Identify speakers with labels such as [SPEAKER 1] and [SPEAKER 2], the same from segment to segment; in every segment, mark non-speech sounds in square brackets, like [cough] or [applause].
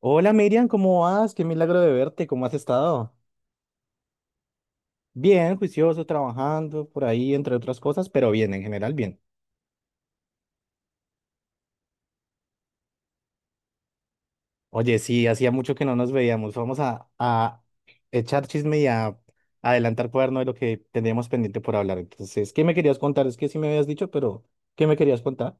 [SPEAKER 1] Hola Miriam, ¿cómo vas? Qué milagro de verte, ¿cómo has estado? Bien, juicioso, trabajando por ahí, entre otras cosas, pero bien, en general bien. Oye, sí, hacía mucho que no nos veíamos. Vamos a echar chisme y a adelantar cuaderno de lo que teníamos pendiente por hablar. Entonces, ¿qué me querías contar? Es que sí me habías dicho, pero ¿qué me querías contar?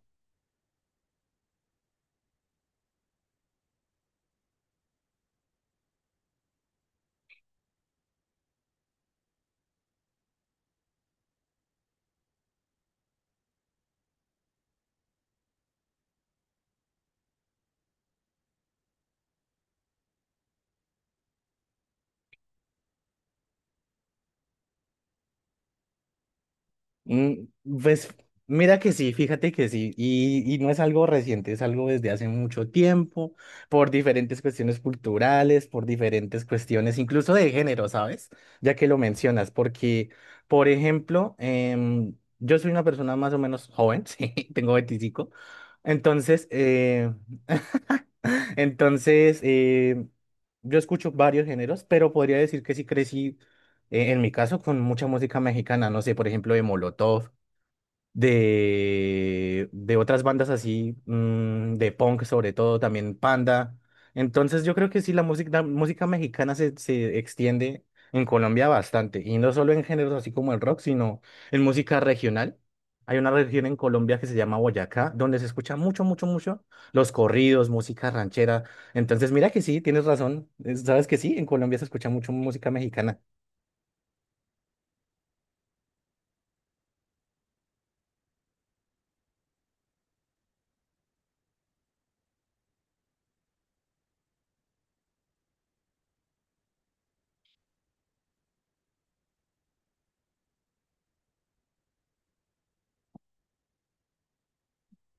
[SPEAKER 1] Mm, Pues mira que sí, fíjate que sí, y no es algo reciente, es algo desde hace mucho tiempo, por diferentes cuestiones culturales, por diferentes cuestiones, incluso de género, ¿sabes? Ya que lo mencionas, porque, por ejemplo, yo soy una persona más o menos joven, [laughs] sí, tengo 25 entonces, [laughs] [laughs] Entonces, yo escucho varios géneros, pero podría decir que sí crecí, en mi caso, con mucha música mexicana. No sé, por ejemplo, de Molotov, de otras bandas así, de punk sobre todo, también Panda. Entonces yo creo que sí, la música mexicana se extiende en Colombia bastante, y no solo en géneros así como el rock, sino en música regional. Hay una región en Colombia que se llama Boyacá, donde se escucha mucho, mucho, mucho los corridos, música ranchera. Entonces, mira que sí, tienes razón. Sabes que sí, en Colombia se escucha mucho música mexicana.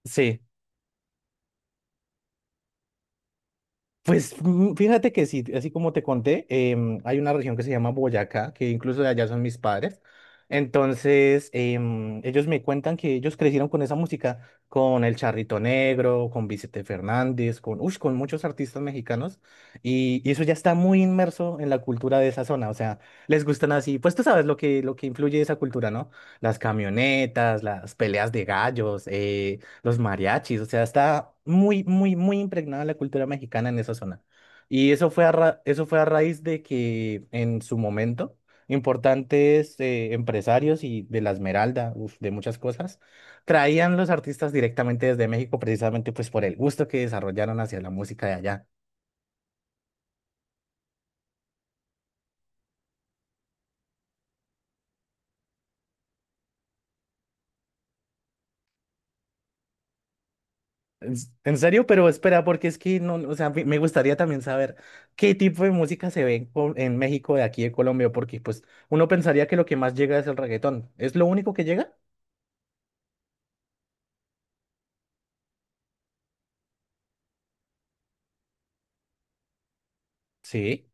[SPEAKER 1] Sí. Pues fíjate que sí, así como te conté, hay una región que se llama Boyacá, que incluso de allá son mis padres. Entonces, ellos me cuentan que ellos crecieron con esa música, con El Charrito Negro, con Vicente Fernández, con muchos artistas mexicanos, y eso ya está muy inmerso en la cultura de esa zona, o sea, les gustan así, pues tú sabes lo que influye esa cultura, ¿no? Las camionetas, las peleas de gallos, los mariachis, o sea, está muy, muy, muy impregnada la cultura mexicana en esa zona. Y eso fue a raíz de que en su momento importantes empresarios y de la Esmeralda, uf, de muchas cosas, traían los artistas directamente desde México precisamente pues por el gusto que desarrollaron hacia la música de allá. En serio, pero espera, porque es que no, o sea, me gustaría también saber qué tipo de música se ve en México de aquí de Colombia, porque pues uno pensaría que lo que más llega es el reggaetón. ¿Es lo único que llega? Sí,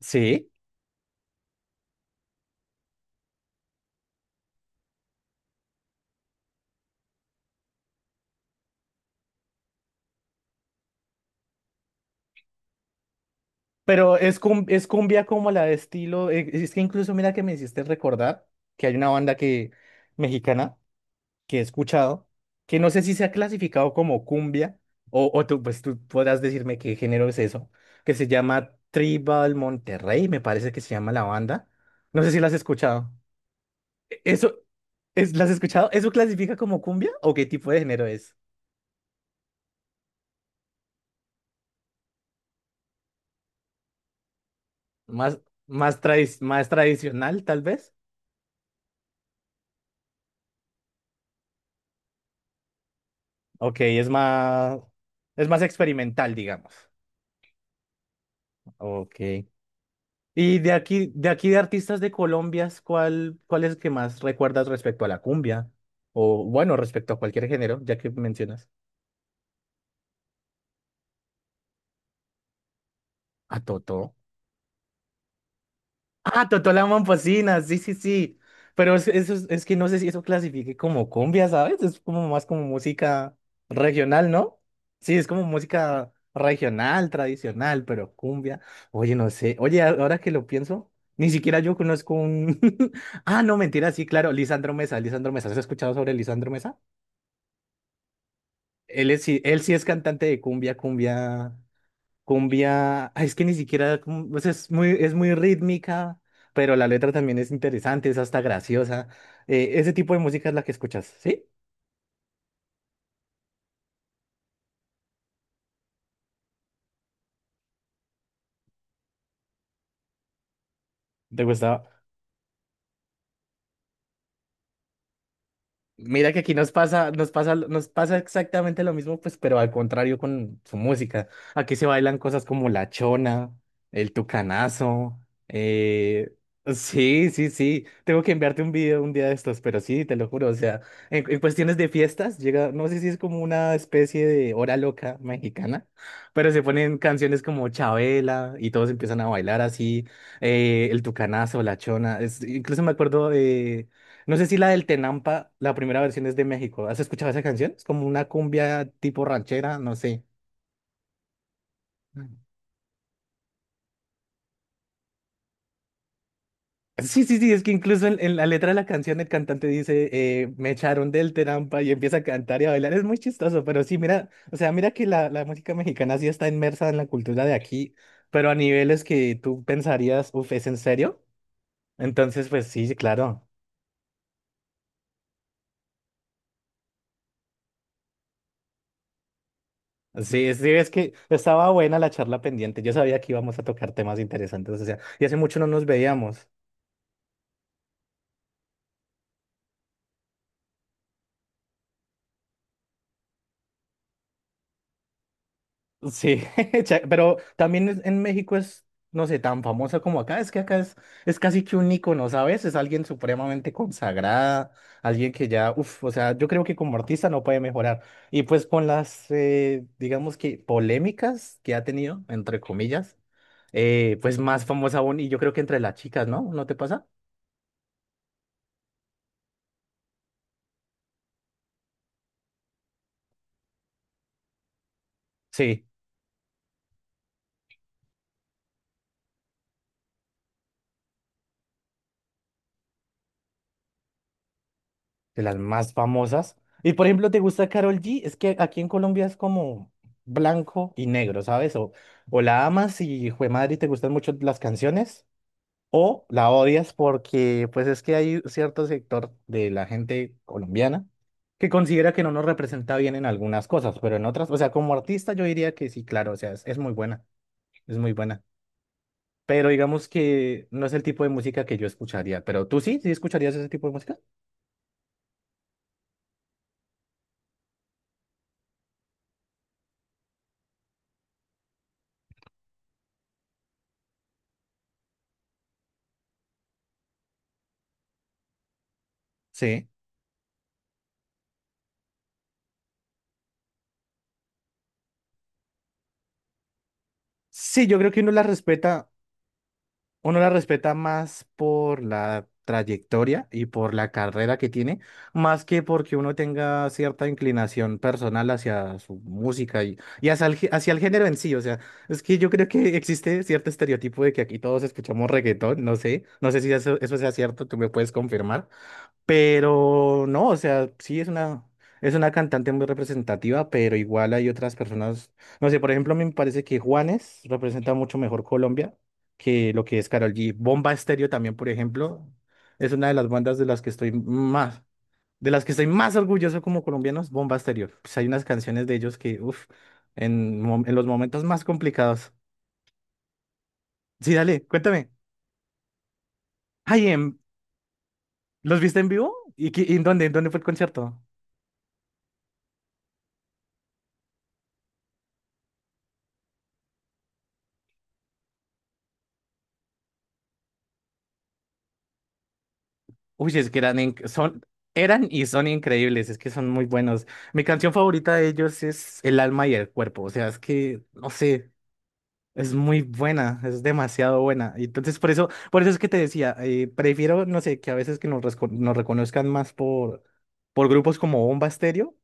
[SPEAKER 1] sí. Pero es cumbia como la de estilo, es que incluso mira que me hiciste recordar que hay una banda que mexicana que he escuchado, que no sé si se ha clasificado como cumbia, o tú, pues tú podrás decirme qué género es eso, que se llama Tribal Monterrey, me parece que se llama la banda. No sé si la has escuchado. ¿Eso, es, la has escuchado? ¿Eso clasifica como cumbia o qué tipo de género es? ¿Más, más tradicional, tal vez? Ok, es más experimental, digamos. Ok. Y de aquí de artistas de Colombia, ¿cuál es el que más recuerdas respecto a la cumbia? O bueno, respecto a cualquier género, ya que mencionas a Totó. Ah, Totó la sí, sí, sí. Sí. Pero es que no sé si eso clasifique como cumbia, ¿sabes? Es como más como música regional, ¿no? Sí, es como música regional, tradicional, pero cumbia. Oye, no sé. Oye, ahora que lo pienso, ni siquiera yo conozco un. [laughs] Ah, no, mentira, sí, claro, Lisandro Mesa, Lisandro Mesa. ¿Has escuchado sobre Lisandro Mesa? Él sí es cantante de cumbia, cumbia. Cumbia, ay, es que ni siquiera, o sea, es muy rítmica, pero la letra también es interesante, es hasta graciosa. Ese tipo de música es la que escuchas, ¿sí? ¿Te gusta? Mira que aquí nos pasa, nos pasa, nos pasa exactamente lo mismo, pues, pero al contrario con su música. Aquí se bailan cosas como la chona, el tucanazo. eh, sí, sí, sí. Tengo que enviarte un video un día de estos, pero sí, te lo juro. O sea, en cuestiones de fiestas, llega, no sé si es como una especie de hora loca mexicana, pero se ponen canciones como Chabela y todos empiezan a bailar así. El tucanazo, la chona. Incluso me acuerdo de no sé si la del Tenampa, la primera versión es de México. ¿Has escuchado esa canción? Es como una cumbia tipo ranchera, no sé. Mm. Sí, sí, sí, es que incluso en la letra de la canción el cantante dice, me echaron del Tenampa y empieza a cantar y a bailar. Es muy chistoso, pero sí, mira, o sea, mira que la música mexicana sí está inmersa en la cultura de aquí, pero a niveles que tú pensarías, uff, ¿es en serio? Entonces, pues sí, sí, claro. Sí, sí, es que estaba buena la charla pendiente. Yo sabía que íbamos a tocar temas interesantes, o sea, y hace mucho no nos veíamos. Sí, [laughs] pero también en México es, no sé, tan famosa como acá. Es que acá es casi que un ícono, ¿sabes? Es alguien supremamente consagrada, alguien que ya, uff, o sea, yo creo que como artista no puede mejorar. Y pues con las, digamos que polémicas que ha tenido, entre comillas, pues más famosa aún, y yo creo que entre las chicas, ¿no? ¿No te pasa? Sí. De las más famosas. Y por ejemplo, ¿te gusta Karol G? Es que aquí en Colombia es como blanco y negro, ¿sabes? O la amas y jue madre, te gustan mucho las canciones, o la odias porque pues es que hay cierto sector de la gente colombiana que considera que no nos representa bien en algunas cosas, pero en otras, o sea, como artista yo diría que sí, claro, o sea, es muy buena. Pero digamos que no es el tipo de música que yo escucharía. Pero tú sí, sí escucharías ese tipo de música. Sí. Sí, yo creo que uno la respeta más por la trayectoria y por la carrera que tiene, más que porque uno tenga cierta inclinación personal hacia su música y hacia el género en sí. O sea, es que yo creo que existe cierto estereotipo de que aquí todos escuchamos reggaetón, no sé si eso sea cierto, tú me puedes confirmar. Pero no, o sea, sí es una cantante muy representativa, pero igual hay otras personas. No sé, por ejemplo, a mí me parece que Juanes representa mucho mejor Colombia que lo que es Karol G. Bomba Estéreo también, por ejemplo, es una de las bandas de las que estoy más orgulloso como colombianos, Bomba Estéreo. Pues hay unas canciones de ellos que, uff, en los momentos más complicados. Sí, dale, cuéntame. Ay, ¿los viste en vivo? ¿Y en dónde? ¿En dónde fue el concierto? Uy, es que eran y son increíbles, es que son muy buenos. Mi canción favorita de ellos es El alma y el cuerpo, o sea, es que, no sé, es muy buena, es demasiado buena. Y entonces, por eso es que te decía, prefiero, no sé, que a veces que nos reconozcan más por grupos como Bomba Estéreo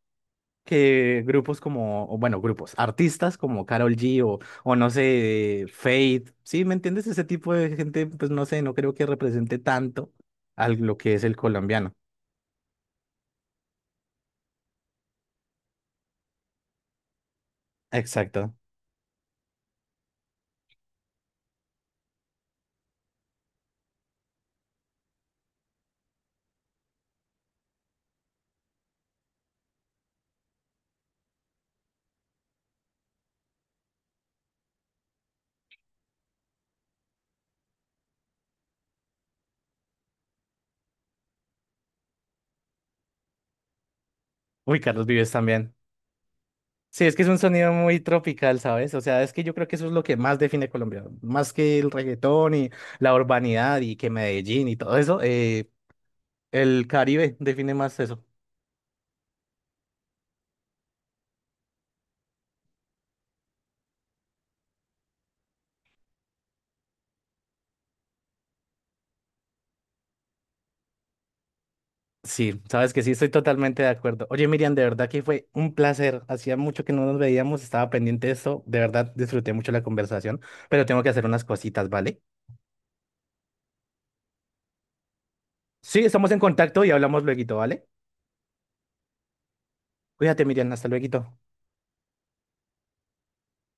[SPEAKER 1] que grupos como, o bueno, grupos, artistas como Karol G o no sé, Fate, ¿sí? ¿Me entiendes? Ese tipo de gente, pues no sé, no creo que represente tanto a lo que es el colombiano. Exacto. Uy, Carlos Vives también. Sí, es que es un sonido muy tropical, ¿sabes? O sea, es que yo creo que eso es lo que más define Colombia. Más que el reggaetón y la urbanidad y que Medellín y todo eso, el Caribe define más eso. Sí, sabes que sí, estoy totalmente de acuerdo. Oye, Miriam, de verdad que fue un placer. Hacía mucho que no nos veíamos, estaba pendiente de esto. De verdad, disfruté mucho la conversación, pero tengo que hacer unas cositas, ¿vale? Sí, estamos en contacto y hablamos luego, ¿vale? Cuídate, Miriam, hasta luego.